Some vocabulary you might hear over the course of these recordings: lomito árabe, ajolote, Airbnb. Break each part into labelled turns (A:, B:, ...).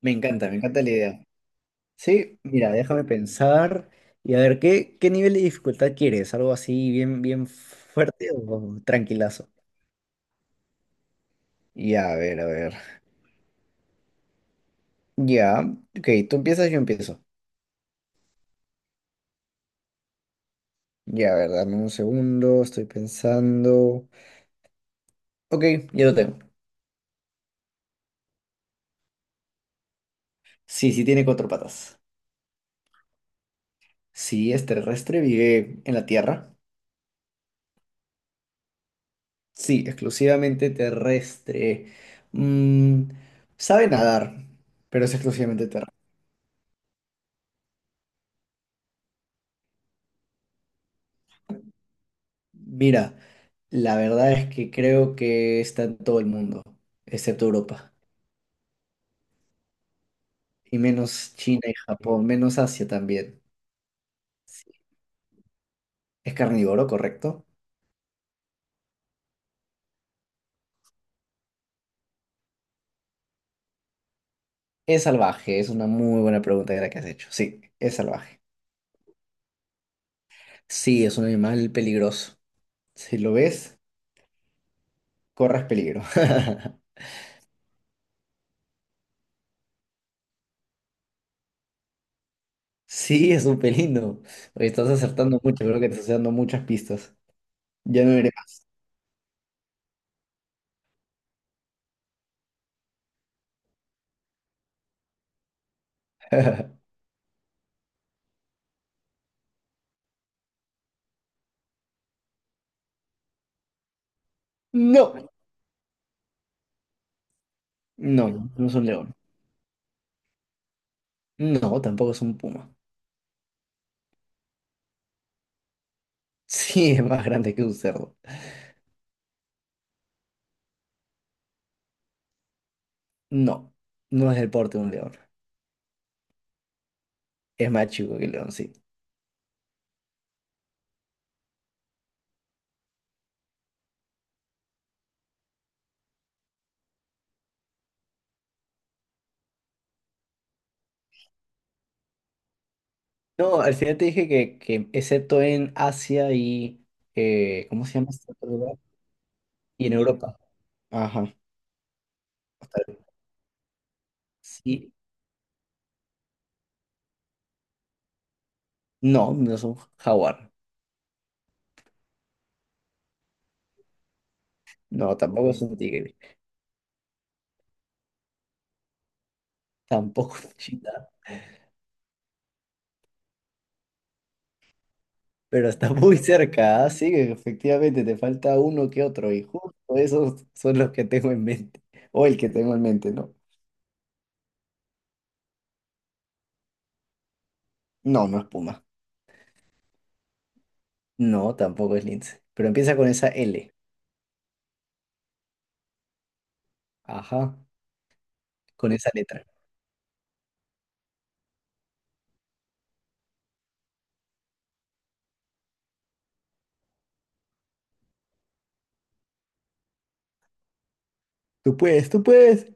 A: Me encanta la idea. Sí, mira, déjame pensar y a ver, ¿qué nivel de dificultad quieres? ¿Algo así bien, bien fuerte o tranquilazo? Ya, a ver, a ver. Ya, ok, tú empiezas, yo empiezo. Ya, a ver, dame un segundo, estoy pensando. Ok, ya lo tengo. Sí, sí tiene cuatro patas. Sí, es terrestre, vive en la tierra. Sí, exclusivamente terrestre. Mm, sabe nadar, pero es exclusivamente terrestre. Mira, la verdad es que creo que está en todo el mundo, excepto Europa, y menos China y Japón, menos Asia también. Sí. ¿Es carnívoro, correcto? Es salvaje, es una muy buena pregunta la que has hecho. Sí, es salvaje. Sí, es un animal peligroso. Si lo ves, corres peligro. Sí, es un pelino. Oye, estás acertando mucho, creo que te estás dando muchas pistas. Ya no iré más. No, no, no es un león. No, tampoco es un puma. Sí, es más grande que un cerdo. No, no es del porte de un león. Es más chico que el león, sí. No, al final te dije que excepto en Asia y… ¿cómo se llama este otro lugar? Y en Europa. Ajá. Sí. No, no es un jaguar. No, tampoco es un tigre. Tampoco es un cheetah. Pero está muy cerca, así que efectivamente te falta uno que otro. Y justo esos son los que tengo en mente. O el que tengo en mente, ¿no? No, no es puma. No, tampoco es Lince. Pero empieza con esa L. Ajá, con esa letra. Tú puedes, tú puedes.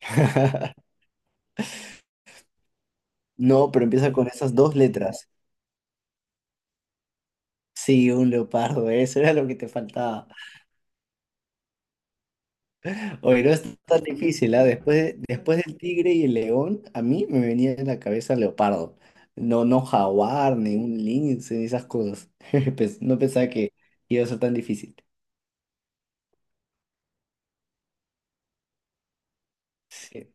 A: No, pero empieza con esas dos letras. Sí, un leopardo, eso era lo que te faltaba. Oye, no es tan difícil, ¿ah? Después del tigre y el león, a mí me venía en la cabeza leopardo. No, no jaguar, ni un lince, ni esas cosas. No pensaba que iba a ser tan difícil. Sí.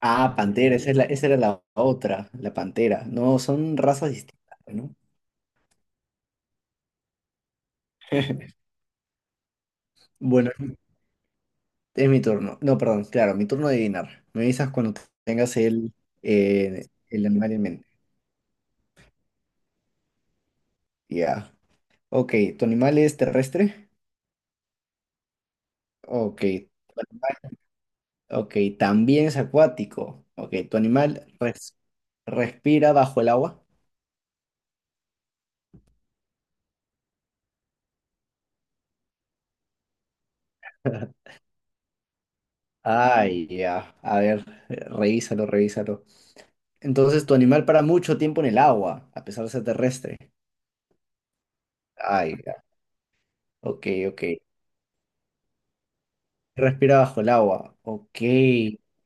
A: Ah, pantera, esa es la, esa era la otra, la pantera. No, son razas distintas, ¿no? Bueno, es mi turno. No, perdón, claro, mi turno de adivinar. Me avisas cuando tengas el animal en mente. Ya. Ok, ¿tu animal es terrestre? Ok. Ok, también es acuático. Ok, ¿respira bajo el agua? Ay, ya. A ver, revísalo, revísalo. Entonces, tu animal para mucho tiempo en el agua, a pesar de ser terrestre. Ay, ya. Ok, ok. Respira bajo el agua. Ok,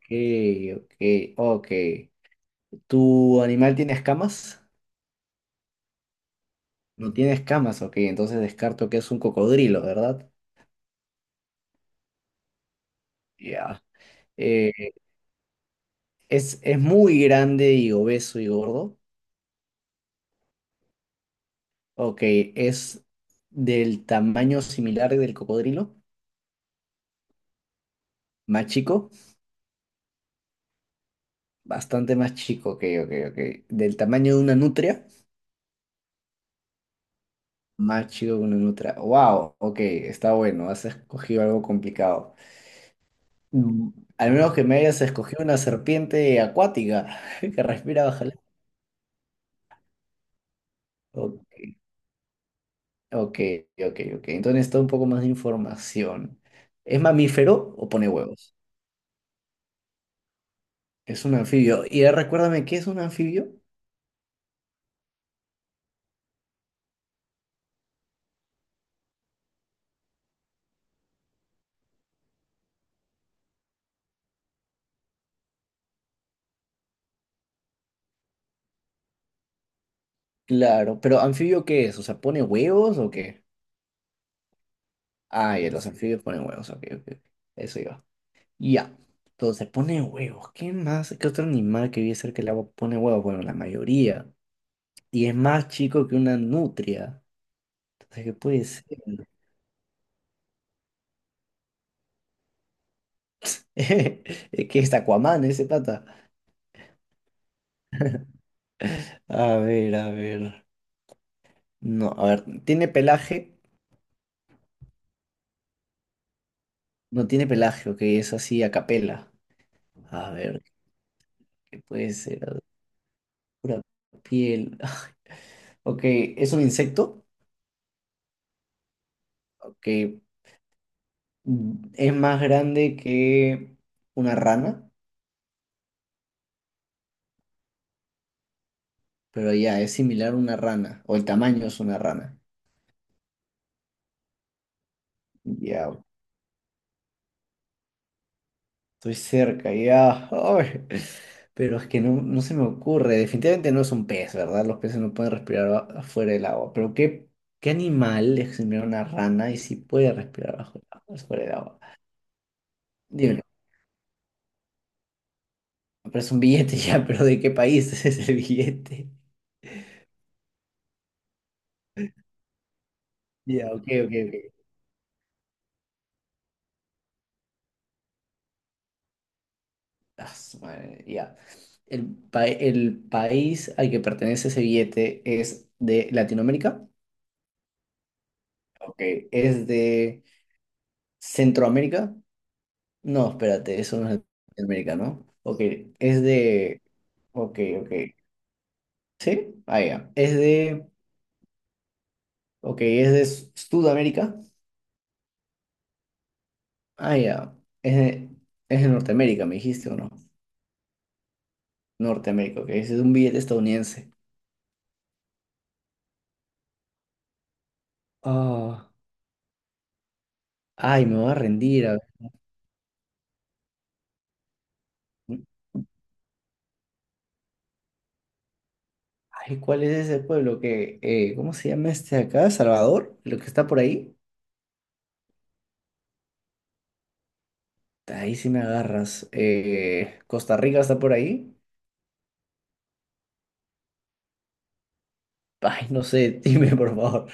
A: ok, ok. ¿Tu animal tiene escamas? No tiene escamas, ok. Entonces descarto que es un cocodrilo, ¿verdad? Ya. Eh, es muy grande y obeso y gordo. Ok, es del tamaño similar del cocodrilo. Más chico, bastante más chico, ok, ok. Del tamaño de una nutria, más chico que una nutria. Wow, ok, está bueno, has escogido algo complicado. Mm, al menos que me hayas escogido una serpiente acuática que respira bajo el agua. Ok, ok. Entonces necesito un poco más de información. ¿Es mamífero o pone huevos? Es un anfibio. Y ahora recuérdame, ¿qué es un anfibio? Claro, pero ¿anfibio qué es? O sea, ¿pone huevos o qué? Ah, ya, los anfibios ponen huevos. Ok, ok. Eso iba. Ya. Entonces, pone huevos. ¿Qué más? ¿Qué otro animal que vive cerca del agua pone huevos? Bueno, la mayoría. Y es más chico que una nutria. Entonces, ¿qué puede ser? Es que es Aquaman ese pata. A ver, a ver. No, a ver, ¿tiene pelaje? No tiene pelaje, ok, es así a capela. A ver, ¿qué puede ser? A ver, pura piel. Ok, ¿es un insecto? Ok, mm, es más grande que una rana, pero ya, es similar a una rana, o el tamaño es una rana. Ya, estoy cerca, ya. Ay, pero es que no se me ocurre. Definitivamente no es un pez, ¿verdad? Los peces no pueden respirar afuera del agua. Pero ¿qué animal es similar a una rana y sí puede respirar bajo el agua, fuera del agua? Dímelo. Pero es un billete ya, pero ¿de qué país es ese billete? Ya, ok, ok. Ah, su madre, ya. El, el país al que pertenece ese billete es de Latinoamérica. Ok. ¿Es de Centroamérica? No, espérate, eso no es de América, ¿no? Ok, es de… Ok, ok. ¿Sí? Ah, ya. Es de… Ok, es de Sudamérica. Ah, ya. Es de… Es de Norteamérica, me dijiste, ¿o no? Norteamérica, ok. Ese es un billete estadounidense. Ah, ay, me voy a rendir. A ver. Ay, ¿cuál es ese pueblo que… ¿cómo se llama este de acá? ¿Salvador? ¿Lo que está por ahí? Ahí sí me agarras. ¿Costa Rica está por ahí? Ay, no sé, dime por favor.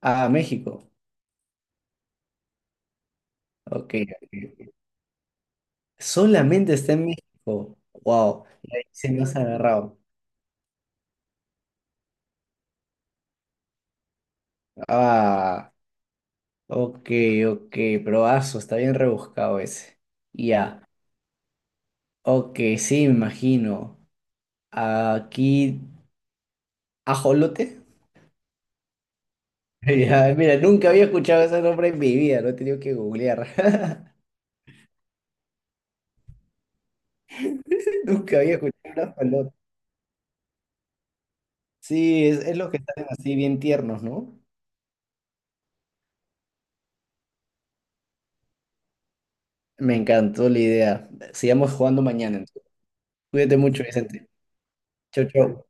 A: Ah, México. Ok, ok. Solamente está en México. Wow. Y ahí se me has agarrado. Ah, ok, ok. Probazo, está bien rebuscado ese. Ya. Ok, sí, me imagino. Aquí, ajolote. Ya, mira, nunca había escuchado ese nombre en mi vida, lo he tenido que googlear. Nunca había escuchado un ajolote. Sí, es lo que están así bien tiernos, ¿no? Me encantó la idea. Sigamos jugando mañana entonces. Cuídate mucho, Vicente. Chau, chau.